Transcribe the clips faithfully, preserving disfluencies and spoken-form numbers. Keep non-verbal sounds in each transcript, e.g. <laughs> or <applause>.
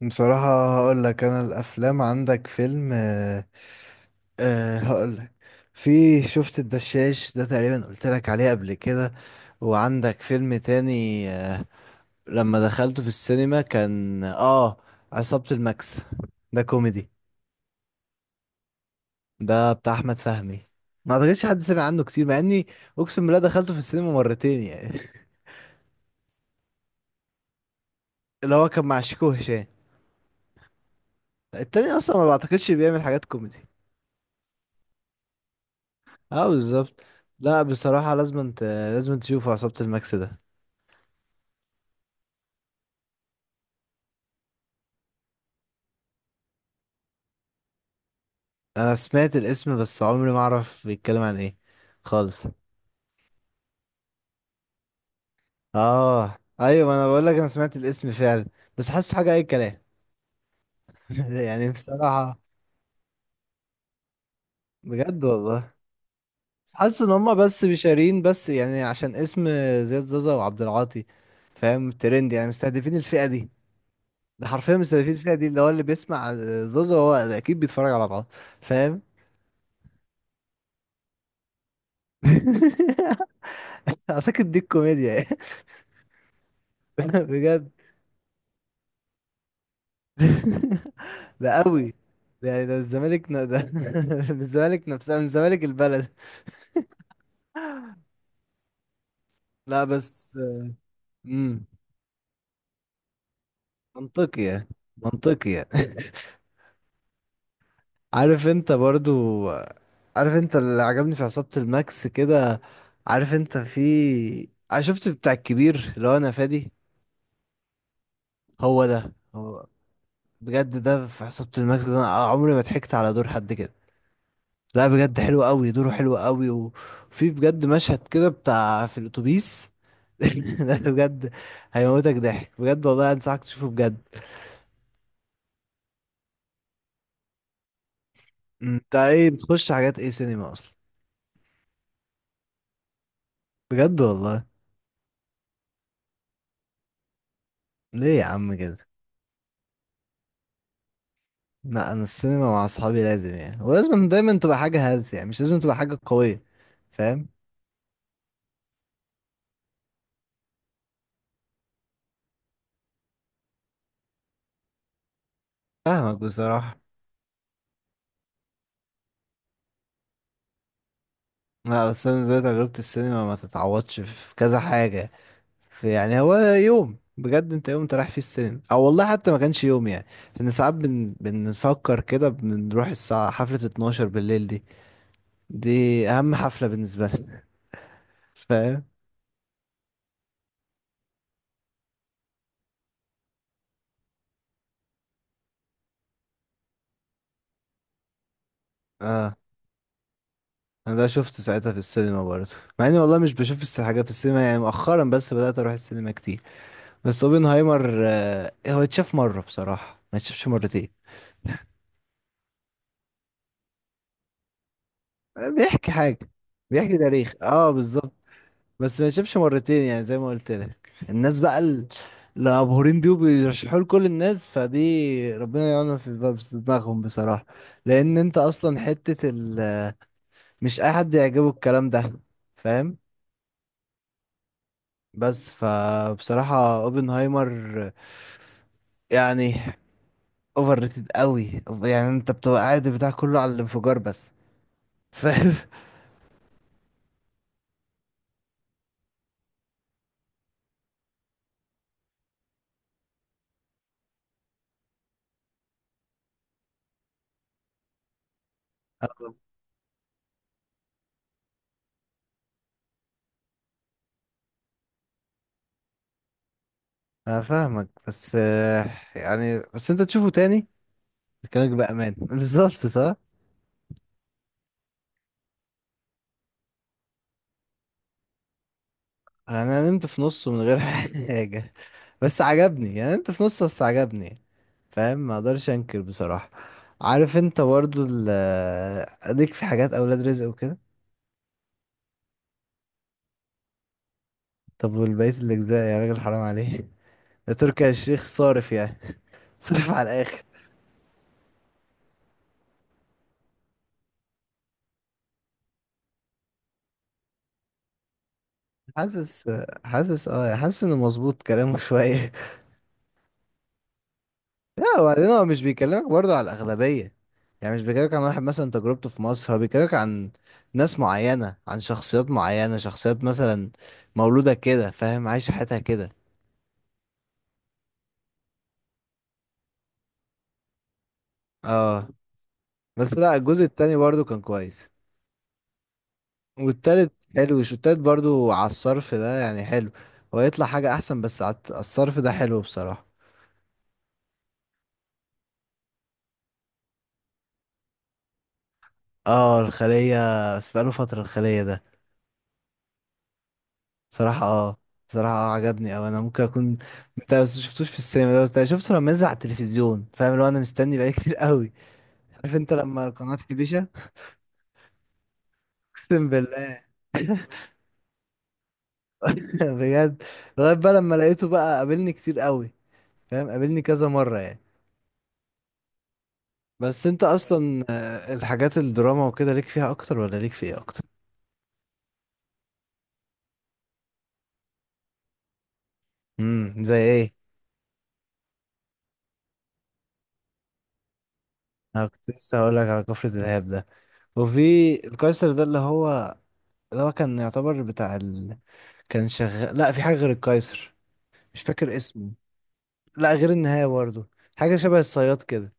بصراحة هقول لك انا الافلام عندك فيلم آه آه هقول لك في شفت الدشاش ده تقريبا قلت لك عليه قبل كده. وعندك فيلم تاني آه، لما دخلته في السينما كان اه عصابة الماكس ده كوميدي. ده بتاع احمد فهمي، ما اعتقدش حد سمع عنه كتير، مع اني اقسم بالله دخلته في السينما مرتين يعني. <laughs> اللي هو كان مع شيكو هشام، التاني اصلا ما بعتقدش بيعمل حاجات كوميدي. اه بالظبط. لا بصراحة، لازم ت... لازم تشوفوا عصابة الماكس ده. انا سمعت الاسم بس عمري ما اعرف بيتكلم عن ايه خالص. اه ايوه، ما انا بقول لك انا سمعت الاسم فعلا، بس حاسه حاجة اي كلام <laughs> يعني بصراحة. بجد والله. بس حاسس ان هما بس بيشارين، بس يعني عشان اسم زياد زازا وعبد العاطي، فاهم؟ ترند يعني، مستهدفين الفئة دي. ده حرفيا مستهدفين الفئة دي، اللي هو اللي بيسمع زازا هو اكيد بيتفرج على بعض، فاهم؟ <laughs> اعتقد دي الكوميديا يعني. <laughs> بجد. <laughs> ده قوي. ده يعني ده الزمالك ن- ده <laughs> من الزمالك نفسها، من الزمالك البلد. لا بس، امم منطقية، منطقية. <laughs> عارف انت برضو، عارف انت اللي عجبني في عصابة الماكس كده؟ عارف انت في ع- شفت بتاع الكبير اللي هو انا فادي؟ هو ده هو. بجد ده في عصابة الماكس ده انا عمري ما ضحكت على دور حد كده. لا بجد حلو قوي دوره، حلو قوي. وفي بجد مشهد كده بتاع في الاتوبيس <laughs> لا بجد هيموتك ضحك، بجد والله انصحك تشوفه بجد. انت ايه بتخش حاجات ايه سينما اصلا؟ بجد والله؟ ليه يا عم كده؟ لا انا السينما مع اصحابي لازم يعني، ولازم دايما تبقى حاجه هلس يعني، مش لازم تبقى حاجه قويه، فاهم؟ فاهمك بصراحه. لا بس انا بالنسبه لي تجربه السينما ما تتعوضش في كذا حاجه. يعني هو يوم بجد، انت يوم انت رايح فيه السينما، او والله حتى ما كانش يوم يعني. لان ساعات بن... بنفكر كده بنروح الساعة حفلة اتناشر بالليل دي، دي اهم حفلة بالنسبة لنا. <laughs> فاهم؟ اه انا ده شفت ساعتها في السينما برضه، مع اني والله مش بشوف الس- حاجة في السينما يعني مؤخرا، بس بدأت اروح السينما كتير. بس اوبنهايمر آه، هو اتشاف مرة بصراحة، ما اتشافش مرتين. بيحكي حاجة، بيحكي تاريخ، اه بالظبط. بس ما يشوفش مرتين يعني، زي ما قلت لك الناس بقى ال- اللي مبهورين بيه وبيرشحوه لكل الناس، فدي ربنا يعلم في باب- في دماغهم بصراحة. لأن أنت أصلا حتة ال مش أي حد يعجبه الكلام ده، فاهم؟ بس فبصراحة اوبنهايمر يعني اوفر ريتد قوي. يعني أنت بتبقى قاعد بتاع كله على الانفجار بس، فاهم؟ <laughs> أنا فاهمك بس آه، يعني بس أنت تشوفه تاني بكلامك بأمان <laughs> بالظبط صح. انا نمت في نصه من غير <laughs> حاجه. بس عجبني يعني، نمت في نصه بس عجبني، فاهم؟ ما اقدرش انكر بصراحه. عارف انت برضو ال اديك في حاجات اولاد رزق وكده. طب والبقيه الاجزاء يا راجل، حرام عليه. ده تركي الشيخ صارف يعني <laughs> صارف على الاخر. حاسس، حاسس اه، حاسس انه مظبوط كلامه شويه. لا وبعدين هو مش بيكلمك برضه على الأغلبية، يعني مش بيكلمك عن واحد مثلا تجربته في مصر، هو بيكلمك عن ناس معينة، عن شخصيات معينة، شخصيات مثلا مولودة كده فاهم، عايشة حياتها كده. اه. بس لا الجزء التاني برضه كان كويس. والتالت حلو، شو التالت برضه على الصرف ده يعني حلو. هو يطلع حاجة أحسن، بس على الت- على الصرف ده حلو بصراحة. اه الخلية، بس بقاله فترة الخلية ده. صراحة اه، صراحة اه عجبني. او انا ممكن اكون انت بس شفتوش في السينما ده، بس أنا شفته لما نزل على التلفزيون، فاهم؟ لو انا مستني بقالي كتير قوي. عارف انت لما القناة تحبيشة؟ اقسم بالله <laughs> بجد. لغاية بقى لما لقيته بقى قابلني كتير قوي، فاهم؟ قابلني كذا مرة يعني. بس انت اصلا آه، الحاجات الدراما وكده ليك فيها اكتر، ولا ليك في ايه اكتر؟ امم زي ايه؟ انا كنت لسه هقول لك على كفر دلهاب ده. وفي القيصر ده، اللي هو اللي هو كان يعتبر بتاع ال... كان شغال لا في حاجة غير القيصر. مش فاكر اسمه. لا غير النهاية برضه، حاجة شبه الصياد كده.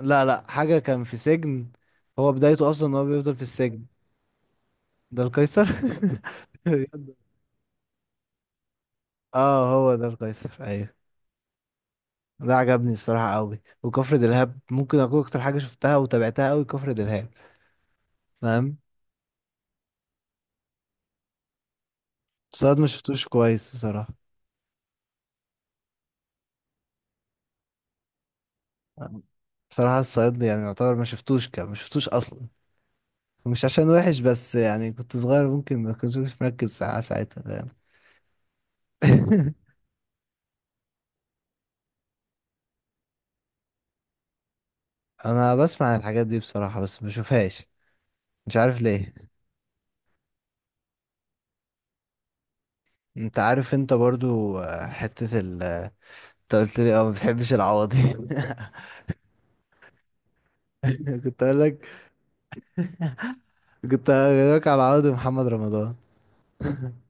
لا لا، حاجة كان في سجن، هو بدايته أصلا إن هو بيفضل في السجن. ده القيصر. <laughs> اه هو ده القيصر أيوه. ده عجبني بصراحة أوي. وكفر دلهاب ممكن أكون أكتر حاجة شفتها وتابعتها أوي، كفر دلهاب، فاهم؟ الصياد ما شفتوش كويس بصراحة. بصراحة الصياد يعني يعتبر ما شفتوش، كان ما شفتوش أصلا. مش عشان وحش، بس يعني كنت صغير ممكن ما كنتش مركز ساعة ساعتها، فاهم؟ <laughs> انا بسمع الحاجات دي بصراحة، بس بشوفهاش، مش عارف ليه. انت عارف انت برضو آه، حتة ال انت قلت لي اه ما بتحبش العوضي. <laughs> كنت اقول لك، كنت هقول لك على العوضي محمد رمضان. <laughs>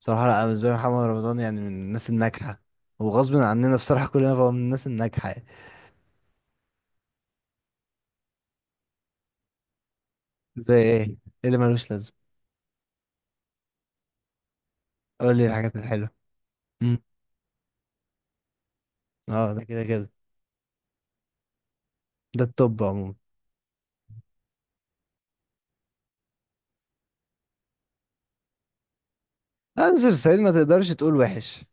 بصراحة لا، أنا بالنسبة لي محمد رمضان يعني من الناس الناجحة، وغصب عننا بصراحة كلنا بقى، من الناس الناجحة يعني. زي ايه؟ إيه اللي ملوش لازمة؟ قول لي الحاجات الحلوة. مم. اه ده كده كده، ده التوب عموما. لا نزل الصعيد ما تقدرش تقول وحش.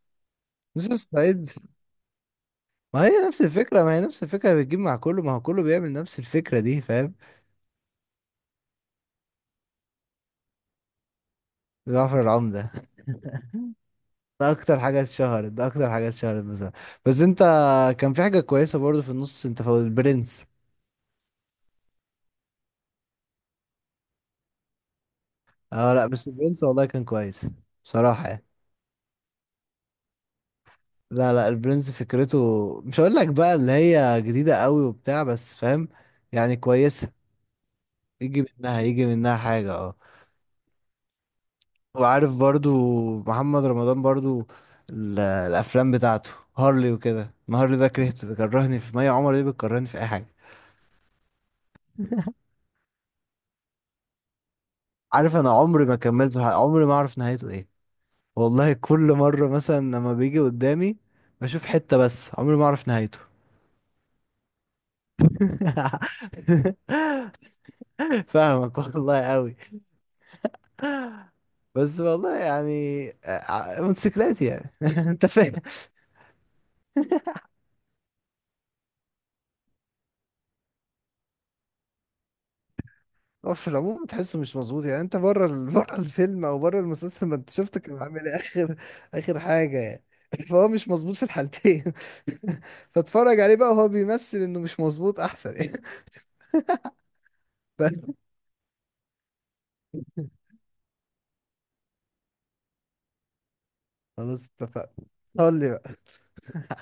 نزل الصعيد، ما هي نفس الفكرة، ما هي نفس الفكرة، بتجيب مع كله، ما هو كله بيعمل نفس الفكرة دي فاهم. جعفر العمدة. <laughs> ده أكتر حاجة اتشهرت، ده أكتر حاجة اتشهرت مثلا. بس أنت، كان في حاجة كويسة برضو في النص أنت فوت، البرنس. أه لأ بس البرنس والله كان كويس، بصراحة يعني. لا لا البرنس فكرته، مش هقول لك بقى اللي هي جديدة قوي وبتاع، بس فاهم يعني كويسة. يجي منها، يجي منها حاجة آه. وعارف برضو محمد رمضان برضو ال- الافلام بتاعته، هارلي وكده. ما هارلي ده كرهته، بيكرهني في مي عمر، دي بتكرهني في اي حاجه. عارف انا عمري ما كملته، ح- عمري ما اعرف نهايته ايه. والله كل مره مثلا لما بيجي قدامي بشوف حته، بس عمري ما اعرف نهايته. <laughs> فاهمك والله قوي. بس والله يعني ع- موتوسيكلات يعني <laughs> انت فاهم؟ هو في العموم تحسه مش مظبوط يعني، انت بره ال... <laughs> بره الفيلم او بره المسلسل، ما انت شفت كان عامل ايه اخر، اخر حاجه يعني. <laughs> فهو مش مظبوط في الحالتين. <laughs> فاتفرج عليه بقى وهو بيمثل انه مش مظبوط احسن يعني. <laughs> ف- خلاص اتفقنا. قول لي بقى